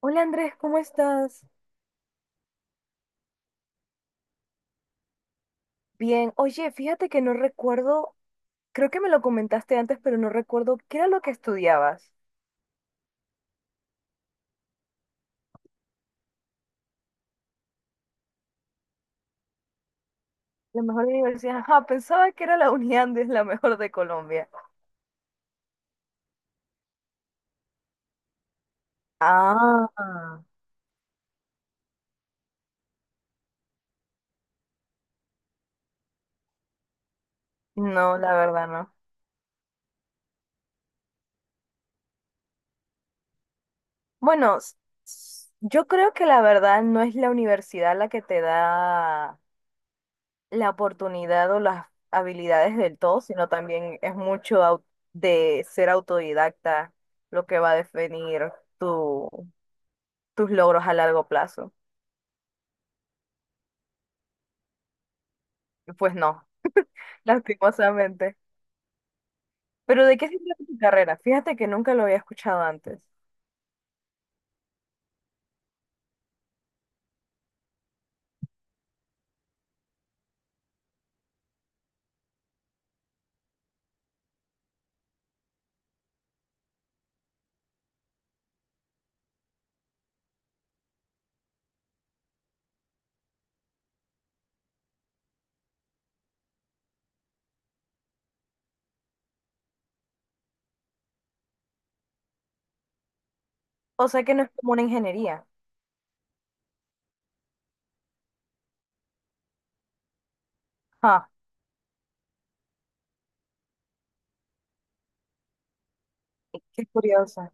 Hola Andrés, ¿cómo estás? Bien, oye, fíjate que no recuerdo, creo que me lo comentaste antes, pero no recuerdo qué era lo que estudiabas. La mejor universidad, ajá, pensaba que era la Uniandes, la mejor de Colombia. Ah, no, la verdad no. Bueno, yo creo que la verdad no es la universidad la que te da la oportunidad o las habilidades del todo, sino también es mucho de ser autodidacta lo que va a definir tu... tus logros a largo plazo. Y pues no, lastimosamente. Pero ¿de qué se trata tu carrera? Fíjate que nunca lo había escuchado antes. O sea que no es como una ingeniería. Ah, qué curiosa.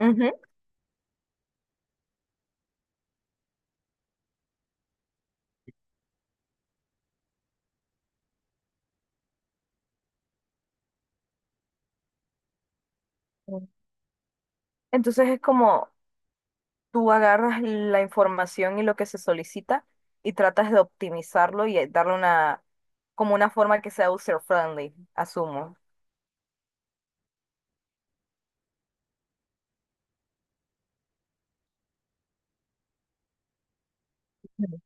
Ujú. Entonces es como tú agarras la información y lo que se solicita y tratas de optimizarlo y darle una, como una forma que sea user-friendly, asumo. Ujú.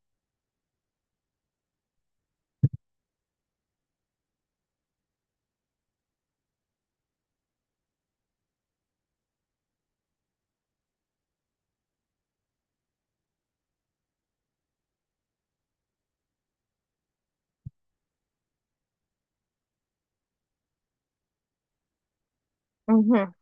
Ujú,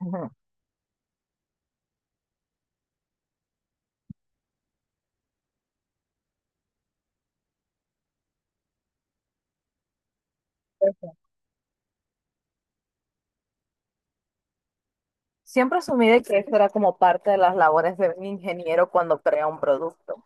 ujú. Siempre asumí de que esto era como parte de las labores de un ingeniero cuando crea un producto.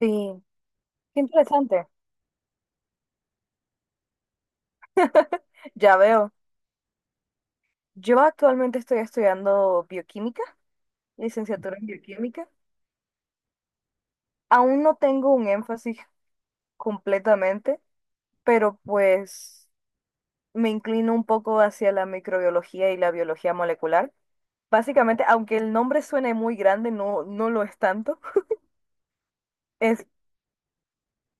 Sí. Qué interesante. Ya veo. Yo actualmente estoy estudiando bioquímica, licenciatura en bioquímica. Aún no tengo un énfasis completamente, pero pues me inclino un poco hacia la microbiología y la biología molecular. Básicamente, aunque el nombre suene muy grande, no, no lo es tanto. Es,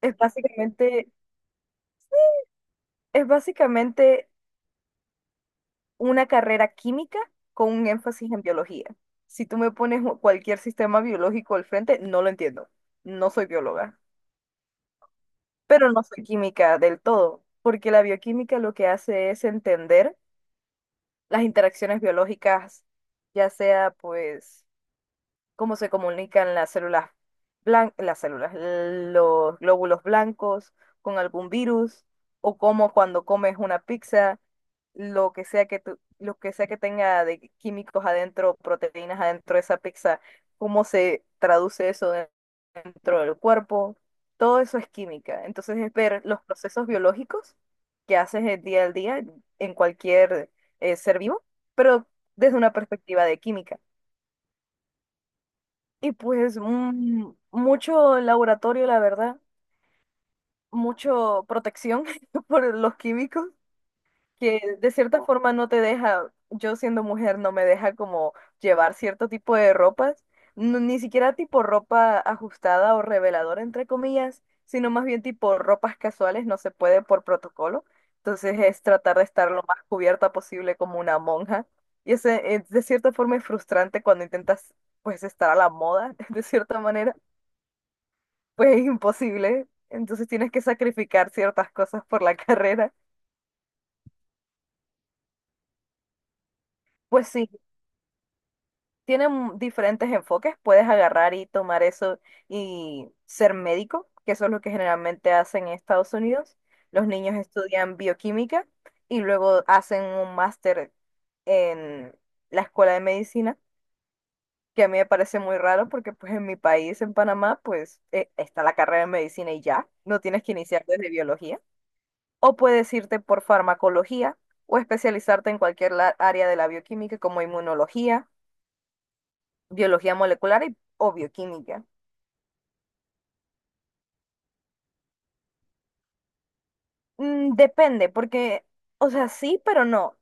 es básicamente, es básicamente, una carrera química con un énfasis en biología. Si tú me pones cualquier sistema biológico al frente, no lo entiendo. No soy bióloga. Pero no fue química del todo, porque la bioquímica lo que hace es entender las interacciones biológicas, ya sea pues cómo se comunican las células, los glóbulos blancos con algún virus, o cómo cuando comes una pizza, lo que sea que tenga de químicos adentro, proteínas adentro de esa pizza, cómo se traduce eso dentro del cuerpo, todo eso es química. Entonces es ver los procesos biológicos que haces el día al día en cualquier ser vivo, pero desde una perspectiva de química. Y pues mucho laboratorio, la verdad, mucho protección por los químicos que de cierta forma no te deja, yo siendo mujer no me deja como llevar cierto tipo de ropas, ni siquiera tipo ropa ajustada o reveladora entre comillas, sino más bien tipo ropas casuales, no se puede por protocolo. Entonces es tratar de estar lo más cubierta posible como una monja. Es de cierta forma es frustrante cuando intentas pues estar a la moda, de cierta manera, pues es imposible. Entonces tienes que sacrificar ciertas cosas por la carrera. Pues sí. Tienen diferentes enfoques. Puedes agarrar y tomar eso y ser médico, que eso es lo que generalmente hacen en Estados Unidos. Los niños estudian bioquímica y luego hacen un máster en la escuela de medicina, que a mí me parece muy raro porque pues en mi país, en Panamá, pues está la carrera de medicina y ya, no tienes que iniciar desde biología. O puedes irte por farmacología o especializarte en cualquier área de la bioquímica como inmunología, biología molecular o bioquímica. Depende, porque, o sea, sí, pero no.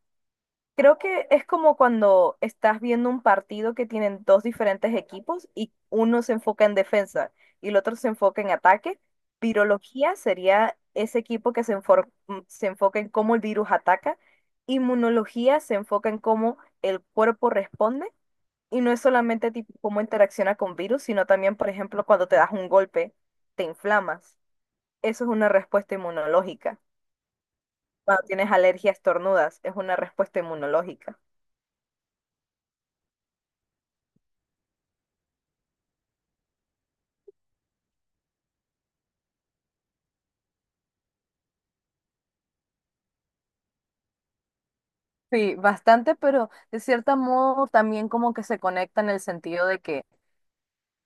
Creo que es como cuando estás viendo un partido que tienen dos diferentes equipos y uno se enfoca en defensa y el otro se enfoca en ataque. Virología sería ese equipo que se enfoca en cómo el virus ataca. Inmunología se enfoca en cómo el cuerpo responde. Y no es solamente tipo cómo interacciona con virus, sino también, por ejemplo, cuando te das un golpe, te inflamas. Eso es una respuesta inmunológica. Cuando tienes alergias tornudas, es una respuesta inmunológica. Sí, bastante, pero de cierto modo también como que se conecta en el sentido de que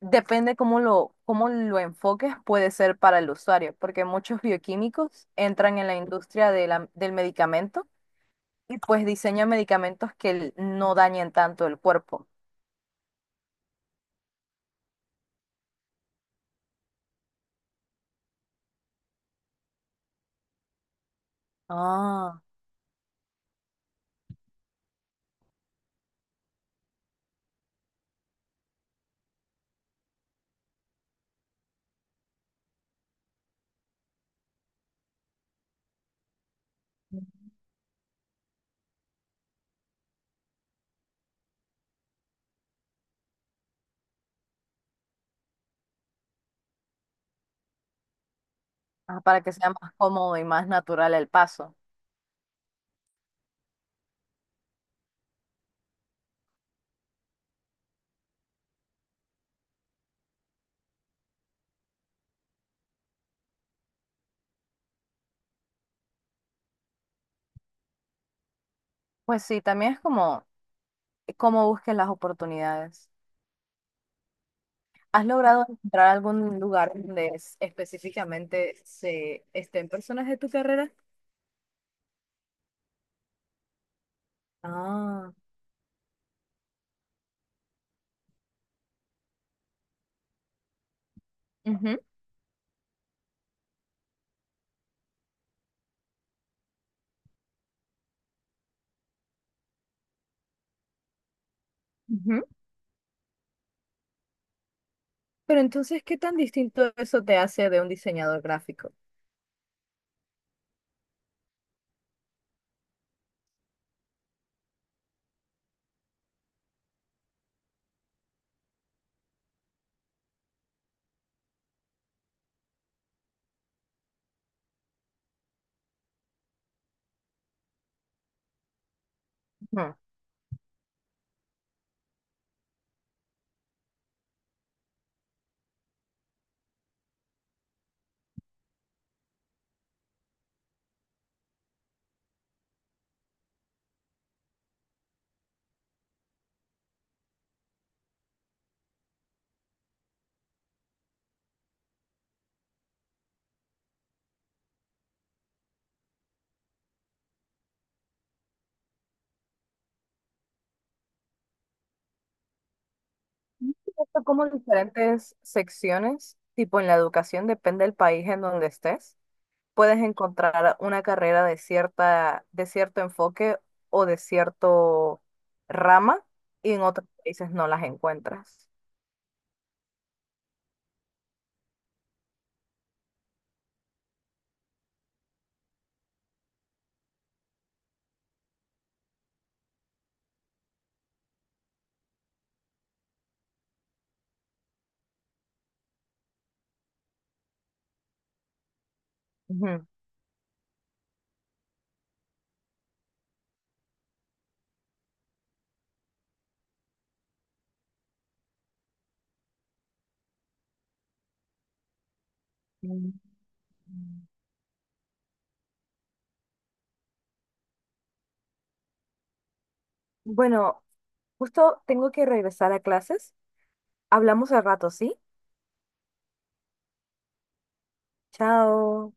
depende cómo lo enfoques, puede ser para el usuario, porque muchos bioquímicos entran en la industria de del medicamento y pues diseñan medicamentos que no dañen tanto el cuerpo. Ah, ah, para que sea más cómodo y más natural el paso. Pues sí, también es como cómo busques las oportunidades. ¿Has logrado encontrar algún lugar donde específicamente se estén personas de tu carrera? Ah, ujú, ujú. Pero entonces, ¿qué tan distinto eso te hace de un diseñador gráfico? Ujú. Esto como diferentes secciones, tipo en la educación, depende del país en donde estés, puedes encontrar una carrera de cierto enfoque o de cierto rama, y en otros países no las encuentras. Ujú. Mm. Bueno. Justo tengo que regresar a clases. Hablamos al rato, ¿sí? Chao.